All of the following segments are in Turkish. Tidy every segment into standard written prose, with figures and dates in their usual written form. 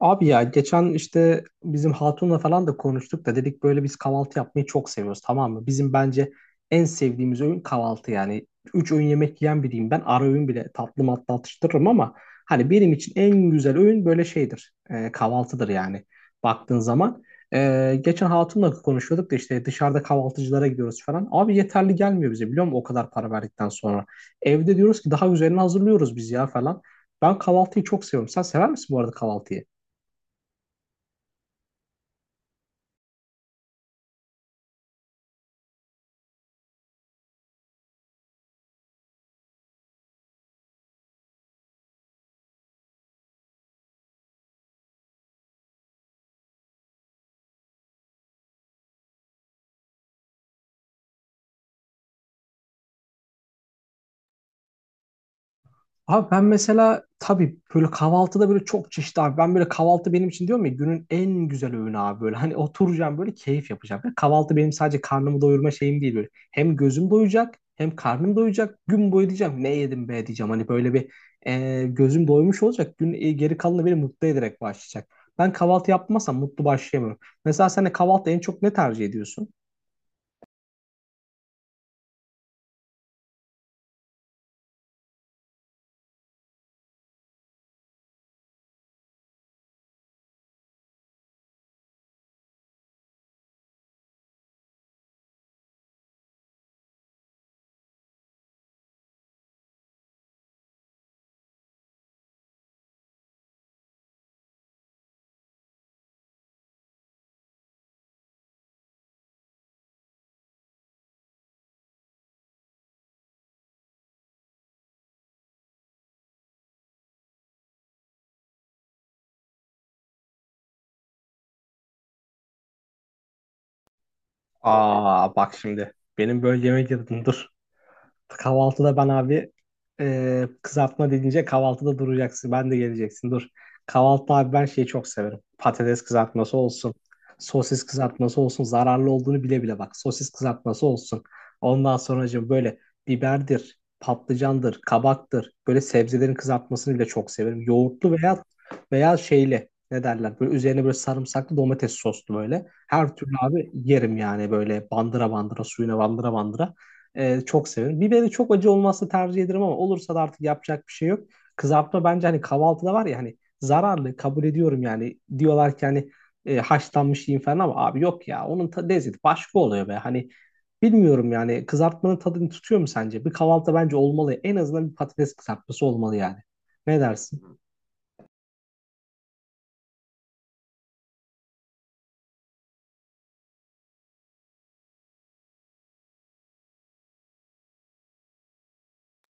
Abi ya geçen işte bizim hatunla falan da konuştuk da dedik böyle biz kahvaltı yapmayı çok seviyoruz, tamam mı? Bizim bence en sevdiğimiz öğün kahvaltı yani. Üç öğün yemek yiyen biriyim ben, ara öğün bile tatlı matlı atıştırırım ama hani benim için en güzel öğün böyle şeydir, kahvaltıdır yani baktığın zaman. Geçen hatunla konuşuyorduk da işte dışarıda kahvaltıcılara gidiyoruz falan. Abi yeterli gelmiyor bize, biliyor musun, o kadar para verdikten sonra. Evde diyoruz ki daha üzerine hazırlıyoruz biz ya falan. Ben kahvaltıyı çok seviyorum. Sen sever misin bu arada kahvaltıyı? Abi ben mesela tabii böyle kahvaltıda böyle çok çeşitli abi. Ben böyle kahvaltı benim için, diyorum ya, günün en güzel öğünü abi böyle. Hani oturacağım böyle, keyif yapacağım. Yani kahvaltı benim sadece karnımı doyurma şeyim değil böyle. Hem gözüm doyacak hem karnım doyacak. Gün boyu diyeceğim ne yedim be diyeceğim. Hani böyle bir gözüm doymuş olacak. Gün geri kalanı beni mutlu ederek başlayacak. Ben kahvaltı yapmazsam mutlu başlayamıyorum. Mesela sen de kahvaltı en çok ne tercih ediyorsun? Aa bak, şimdi benim böyle yemek yedim, dur. Kahvaltıda ben abi kızartma deyince kahvaltıda duracaksın. Ben de geleceksin. Dur. Kahvaltı abi ben şeyi çok severim. Patates kızartması olsun. Sosis kızartması olsun. Zararlı olduğunu bile bile bak. Sosis kızartması olsun. Ondan sonracığım böyle biberdir, patlıcandır, kabaktır. Böyle sebzelerin kızartmasını bile çok severim. Yoğurtlu veya şeyli. Ne derler? Böyle üzerine böyle sarımsaklı domates soslu böyle. Her türlü abi yerim yani böyle bandıra bandıra, suyuna bandıra bandıra. Çok severim. Biberi çok acı olması tercih ederim ama olursa da artık yapacak bir şey yok. Kızartma bence hani kahvaltıda var ya, hani zararlı kabul ediyorum yani. Diyorlar ki hani haşlanmış yiyin falan ama abi yok ya, onun lezzeti başka oluyor be. Hani bilmiyorum yani, kızartmanın tadını tutuyor mu sence? Bir kahvaltıda bence olmalı. En azından bir patates kızartması olmalı yani. Ne dersin?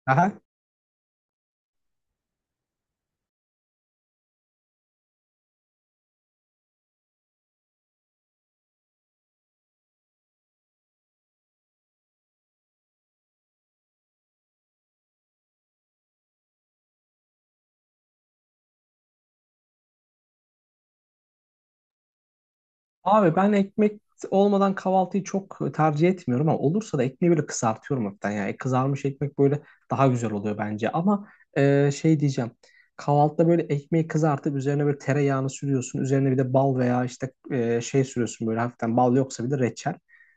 Aha. Abi ben ekmek olmadan kahvaltıyı çok tercih etmiyorum ama olursa da ekmeği böyle kızartıyorum hafiften. Yani kızarmış ekmek böyle daha güzel oluyor bence. Ama şey diyeceğim. Kahvaltıda böyle ekmeği kızartıp üzerine böyle tereyağını sürüyorsun. Üzerine bir de bal veya işte şey sürüyorsun böyle hafiften, bal yoksa bir de reçel.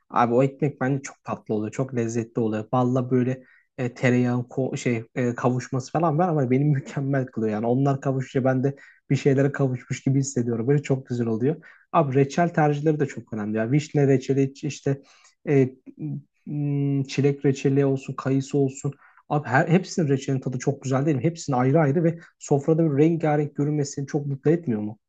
Abi o ekmek bence çok tatlı oluyor. Çok lezzetli oluyor. Balla böyle tereyağın kavuşması falan var ama beni mükemmel kılıyor. Yani onlar kavuşunca ben de bir şeylere kavuşmuş gibi hissediyorum. Böyle çok güzel oluyor. Abi reçel tercihleri de çok önemli. Ya vişne reçeli, işte e, çilek reçeli olsun, kayısı olsun. Abi her, hepsinin reçelinin tadı çok güzel değil mi? Hepsinin ayrı ayrı ve sofrada bir rengarenk görünmesi çok mutlu etmiyor mu?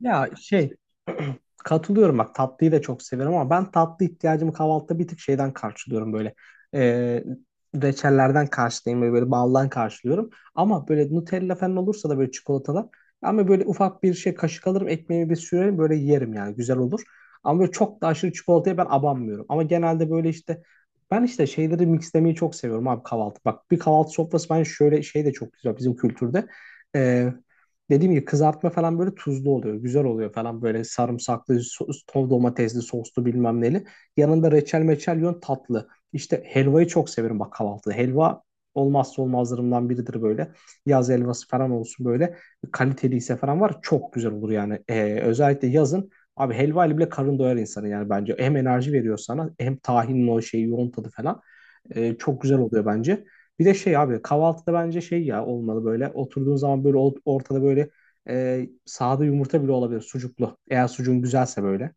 Ya şey, katılıyorum bak, tatlıyı da çok severim ama ben tatlı ihtiyacımı kahvaltıda bir tık şeyden karşılıyorum böyle. Ee, reçellerden karşılayayım böyle, böyle baldan karşılıyorum. Ama böyle Nutella falan olursa da böyle çikolatalar, ama böyle ufak bir şey kaşık alırım, ekmeğimi bir sürerim böyle, yerim yani, güzel olur. Ama böyle çok da aşırı çikolataya ben abanmıyorum. Ama genelde böyle işte, ben işte şeyleri mixlemeyi çok seviyorum abi kahvaltı. Bak, bir kahvaltı sofrası, ben şöyle şey de çok güzel bizim kültürde, dediğim gibi kızartma falan böyle tuzlu oluyor. Güzel oluyor falan böyle sarımsaklı, sos, domatesli, soslu bilmem neli. Yanında reçel meçel yiyorsun tatlı. İşte helvayı çok severim bak kahvaltıda. Helva olmazsa olmazlarımdan biridir böyle. Yaz helvası falan olsun böyle. Kaliteliyse falan var. Çok güzel olur yani. Özellikle yazın. Abi helva ile bile karın doyar insanı yani bence. Hem enerji veriyor sana hem tahinin o şeyi, yoğun tadı falan. Çok güzel oluyor bence. Bir de şey abi, kahvaltıda bence şey ya olmalı, böyle oturduğun zaman böyle ortada böyle sade yumurta bile olabilir sucuklu. Eğer sucuğun güzelse böyle.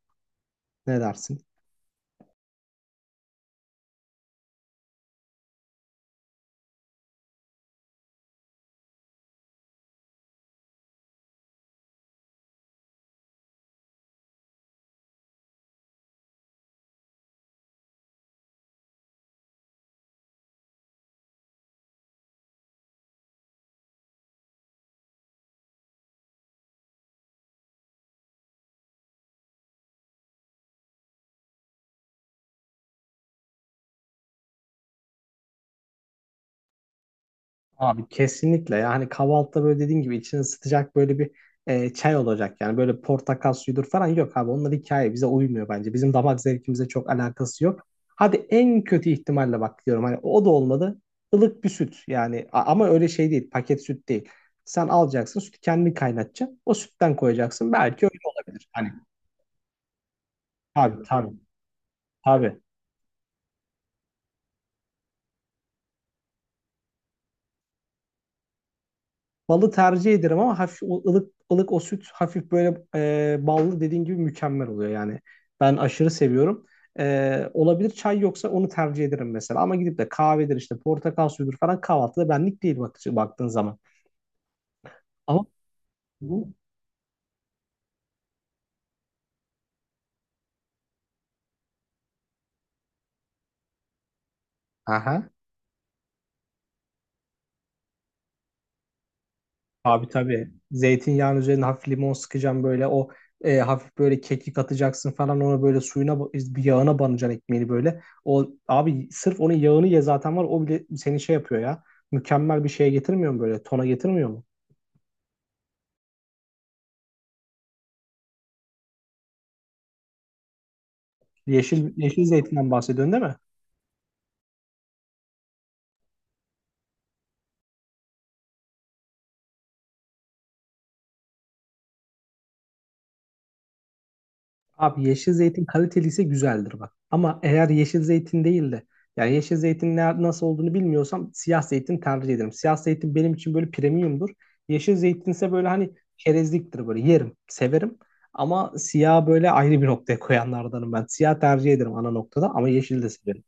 Ne dersin? Abi kesinlikle, yani kahvaltıda böyle dediğin gibi içini ısıtacak böyle bir çay olacak yani, böyle portakal suyudur falan, yok abi, onlar hikaye, bize uymuyor bence, bizim damak zevkimize çok alakası yok. Hadi en kötü ihtimalle bak diyorum, hani o da olmadı ılık bir süt yani. Ama öyle şey değil, paket süt değil. Sen alacaksın sütü, kendin kaynatacaksın, o sütten koyacaksın, belki öyle olabilir. Hani tabii, tabii, tabii. Balı tercih ederim ama hafif o ılık ılık o süt hafif böyle ballı, dediğin gibi mükemmel oluyor yani. Ben aşırı seviyorum. Olabilir, çay yoksa onu tercih ederim mesela. Ama gidip de kahvedir işte portakal suyudur falan, kahvaltıda benlik değil bak, baktığın zaman. Ama bu... Aha. Abi tabii. Zeytinyağın üzerine hafif limon sıkacağım, böyle o hafif böyle kekik atacaksın falan ona, böyle suyuna bir yağına banacaksın ekmeğini böyle. O abi sırf onun yağını ye zaten, var o bile seni şey yapıyor ya. Mükemmel bir şeye getirmiyor mu böyle? Tona getirmiyor mu? Yeşil yeşil zeytinden bahsediyorsun değil mi? Abi yeşil zeytin kaliteliyse güzeldir bak. Ama eğer yeşil zeytin değil de, yani yeşil zeytin ne, nasıl olduğunu bilmiyorsam siyah zeytin tercih ederim. Siyah zeytin benim için böyle premiumdur. Yeşil zeytin ise böyle hani çerezliktir, böyle yerim, severim. Ama siyah böyle ayrı bir noktaya koyanlardanım ben. Siyah tercih ederim ana noktada ama yeşil de severim.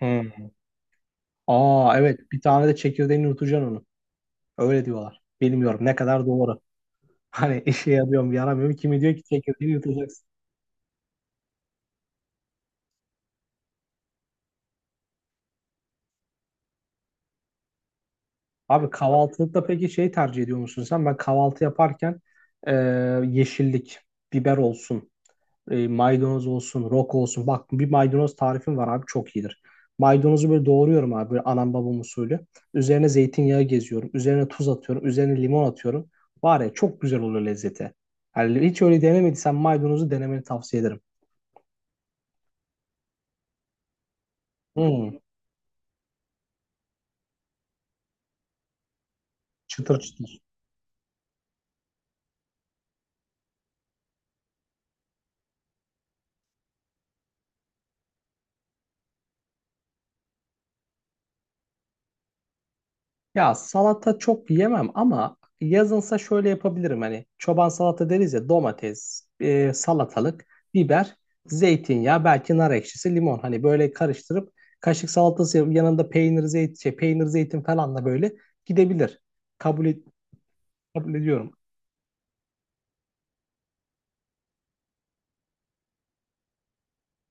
Hmm. Aa evet, bir tane de çekirdeğini yutacaksın onu. Öyle diyorlar. Bilmiyorum ne kadar doğru. Hani işe yarıyor mu yaramıyor mu? Kimi diyor ki çekirdeğini yutacaksın. Abi kahvaltılıkta peki şey tercih ediyor musun sen? Ben kahvaltı yaparken e, yeşillik, biber olsun, maydanoz olsun, roka olsun. Bak bir maydanoz tarifim var abi, çok iyidir. Maydanozu böyle doğruyorum abi böyle anam babam usulü. Üzerine zeytinyağı geziyorum. Üzerine tuz atıyorum. Üzerine limon atıyorum. Var ya, çok güzel oluyor lezzeti. Yani hiç öyle denemediysen maydanozu denemeni tavsiye ederim. Hmm, çıtır çıtır. Ya salata çok yemem ama yazınsa şöyle yapabilirim, hani çoban salata deriz ya: domates, salatalık, biber, zeytinyağı, belki nar ekşisi, limon, hani böyle karıştırıp kaşık salatası yanında peynir zeytin şey, peynir zeytin falan da böyle gidebilir. Kabul, kabul ediyorum.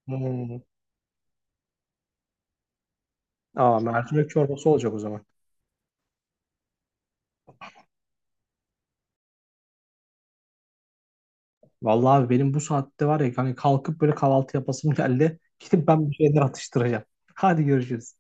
Hmm. Aa, mercimek çorbası olacak o zaman. Vallahi abi, benim bu saatte var ya, hani kalkıp böyle kahvaltı yapasım geldi. Gidip ben bir şeyler atıştıracağım. Hadi görüşürüz.